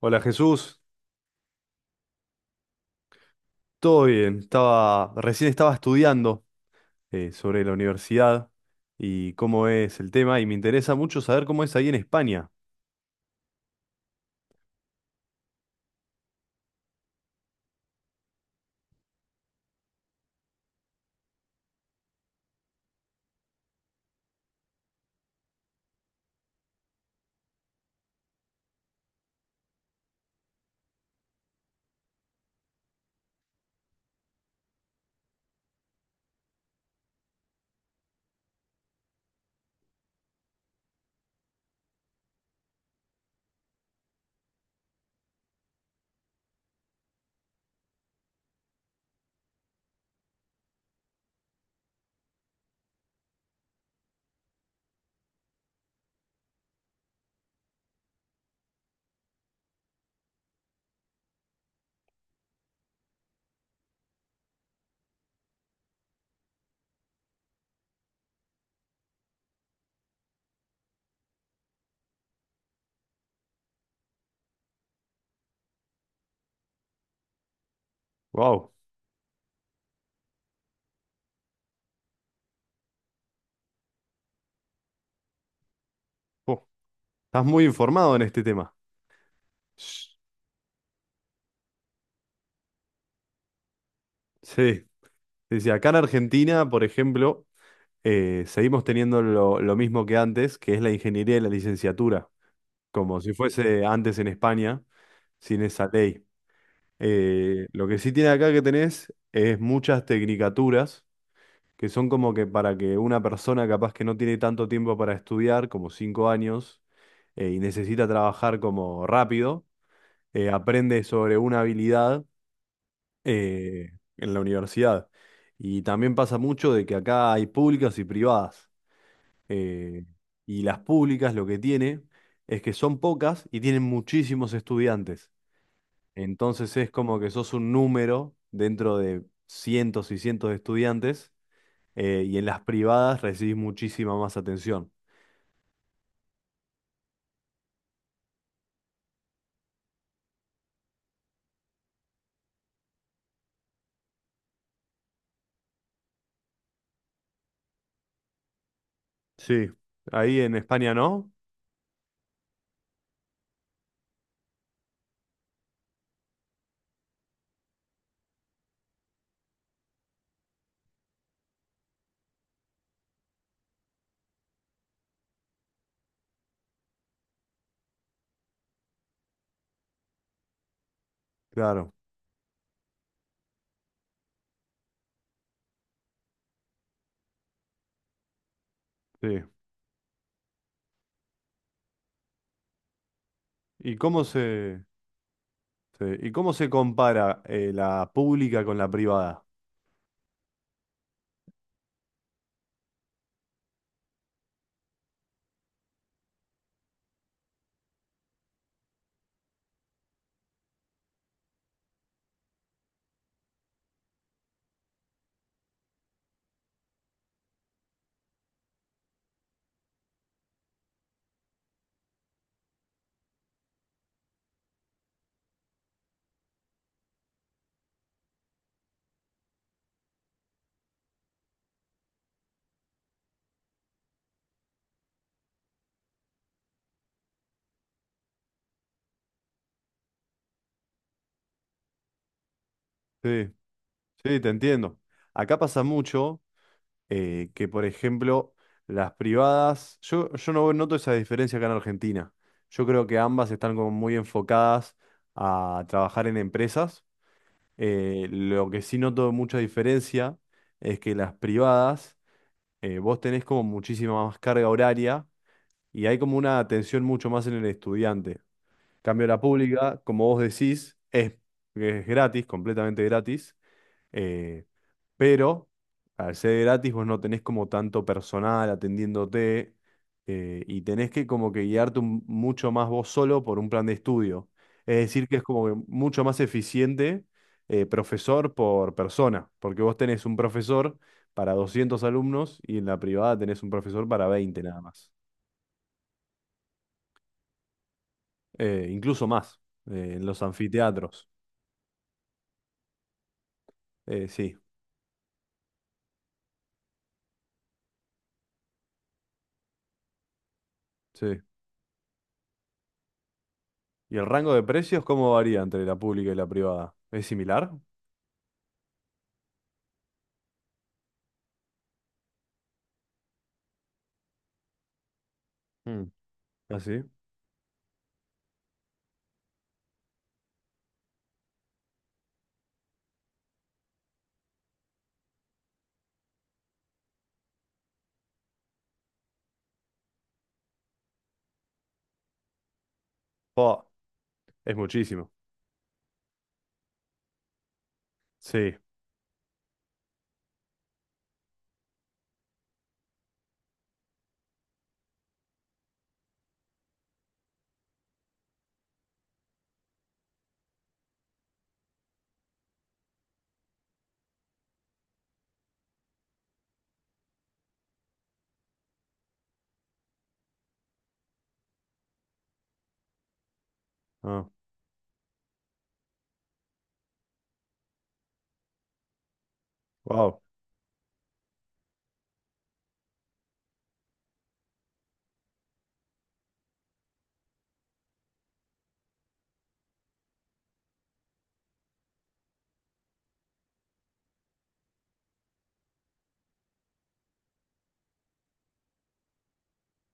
Hola Jesús, todo bien. Recién estaba estudiando sobre la universidad y cómo es el tema y me interesa mucho saber cómo es ahí en España. Wow, estás muy informado en este tema. Sh- Sí, sí, sí. Acá en Argentina, por ejemplo, seguimos teniendo lo mismo que antes, que es la ingeniería y la licenciatura, como si fuese antes en España, sin esa ley. Lo que sí tiene acá que tenés es muchas tecnicaturas que son como que para que una persona capaz que no tiene tanto tiempo para estudiar, como cinco años, y necesita trabajar como rápido, aprende sobre una habilidad en la universidad. Y también pasa mucho de que acá hay públicas y privadas. eh, y las públicas lo que tiene es que son pocas y tienen muchísimos estudiantes. Entonces es como que sos un número dentro de cientos y cientos de estudiantes, y en las privadas recibís muchísima más atención. Sí, ahí en España no, claro, sí. ¿Y cómo se, sí, ¿Y cómo se compara la pública con la privada? Sí, sí, te entiendo. Acá pasa mucho que, por ejemplo, las privadas, yo no noto esa diferencia acá en Argentina. Yo creo que ambas están como muy enfocadas a trabajar en empresas. Lo que sí noto mucha diferencia es que las privadas vos tenés como muchísima más carga horaria y hay como una atención mucho más en el estudiante. Cambio la pública, como vos decís, es gratis, completamente gratis, eh, pero al ser gratis vos no tenés como tanto personal atendiéndote, y tenés que como que guiarte mucho más vos solo por un plan de estudio. Es decir, que es como que mucho más eficiente profesor por persona, porque vos tenés un profesor para 200 alumnos y en la privada tenés un profesor para 20 nada más. Incluso más, en los anfiteatros. Sí, sí. ¿Y el rango de precios cómo varía entre la pública y la privada? ¿Es similar? ¿Ah, sí? Oh, es muchísimo. Sí. Ah, wow.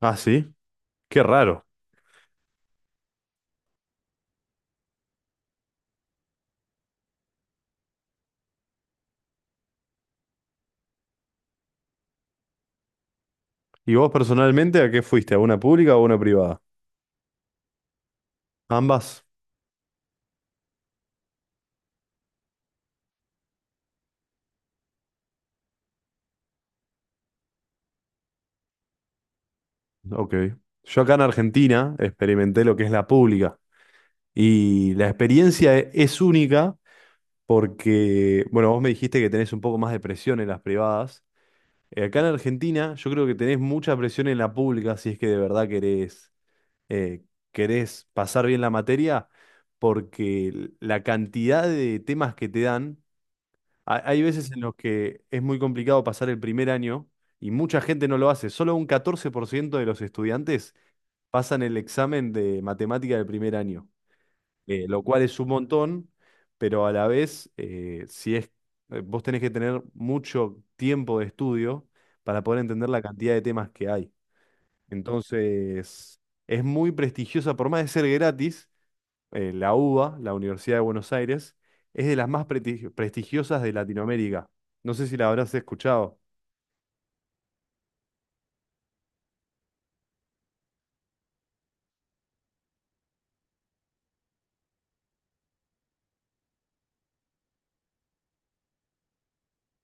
Ah, sí. Qué raro. ¿Y vos personalmente a qué fuiste? ¿A una pública o a una privada? Ambas. Ok. Yo acá en Argentina experimenté lo que es la pública. Y la experiencia es única porque, bueno, vos me dijiste que tenés un poco más de presión en las privadas. Acá en Argentina yo creo que tenés mucha presión en la pública si es que de verdad eh, querés pasar bien la materia, porque la cantidad de temas que te dan, hay veces en los que es muy complicado pasar el primer año y mucha gente no lo hace. Solo un 14% de los estudiantes pasan el examen de matemática del primer año, lo cual es un montón, pero a la vez, si es, vos tenés que tener mucho tiempo de estudio para poder entender la cantidad de temas que hay. Entonces, es muy prestigiosa, por más de ser gratis, la UBA, la Universidad de Buenos Aires, es de las más prestigiosas de Latinoamérica. No sé si la habrás escuchado.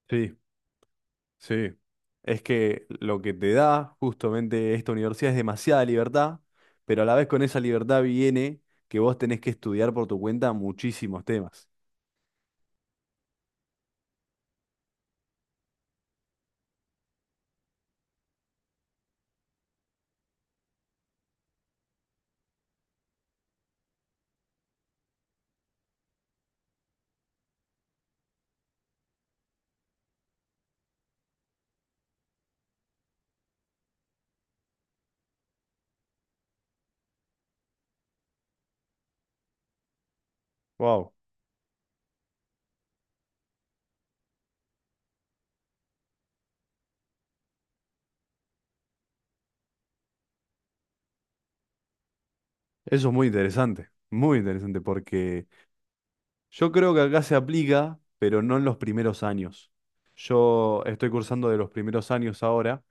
Sí, sí. Es que lo que te da justamente esta universidad es demasiada libertad, pero a la vez con esa libertad viene que vos tenés que estudiar por tu cuenta muchísimos temas. Wow, eso es muy interesante porque yo creo que acá se aplica, pero no en los primeros años. Yo estoy cursando de los primeros años ahora,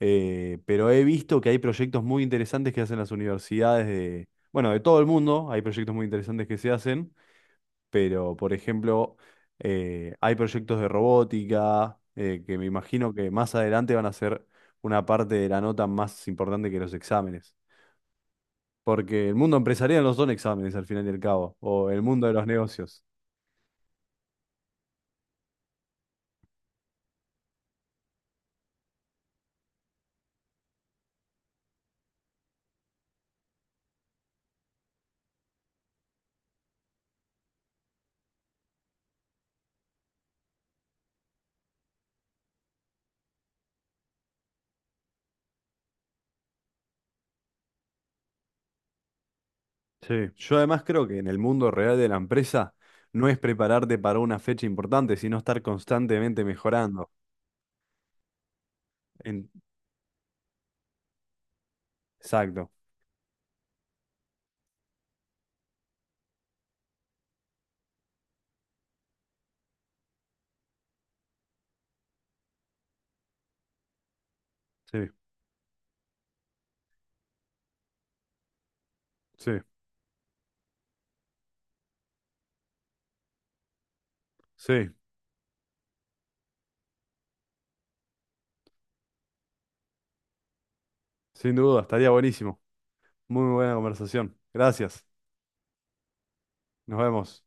pero he visto que hay proyectos muy interesantes que hacen las universidades de, bueno, de todo el mundo. Hay proyectos muy interesantes que se hacen, pero por ejemplo, hay proyectos de robótica, que me imagino que más adelante van a ser una parte de la nota más importante que los exámenes. Porque el mundo empresarial no son exámenes al final y al cabo, o el mundo de los negocios. Sí, yo además creo que en el mundo real de la empresa no es prepararte para una fecha importante, sino estar constantemente mejorando. En- Exacto. Sí, sí, sí, sin duda, estaría buenísimo. Muy buena conversación. Gracias. Nos vemos.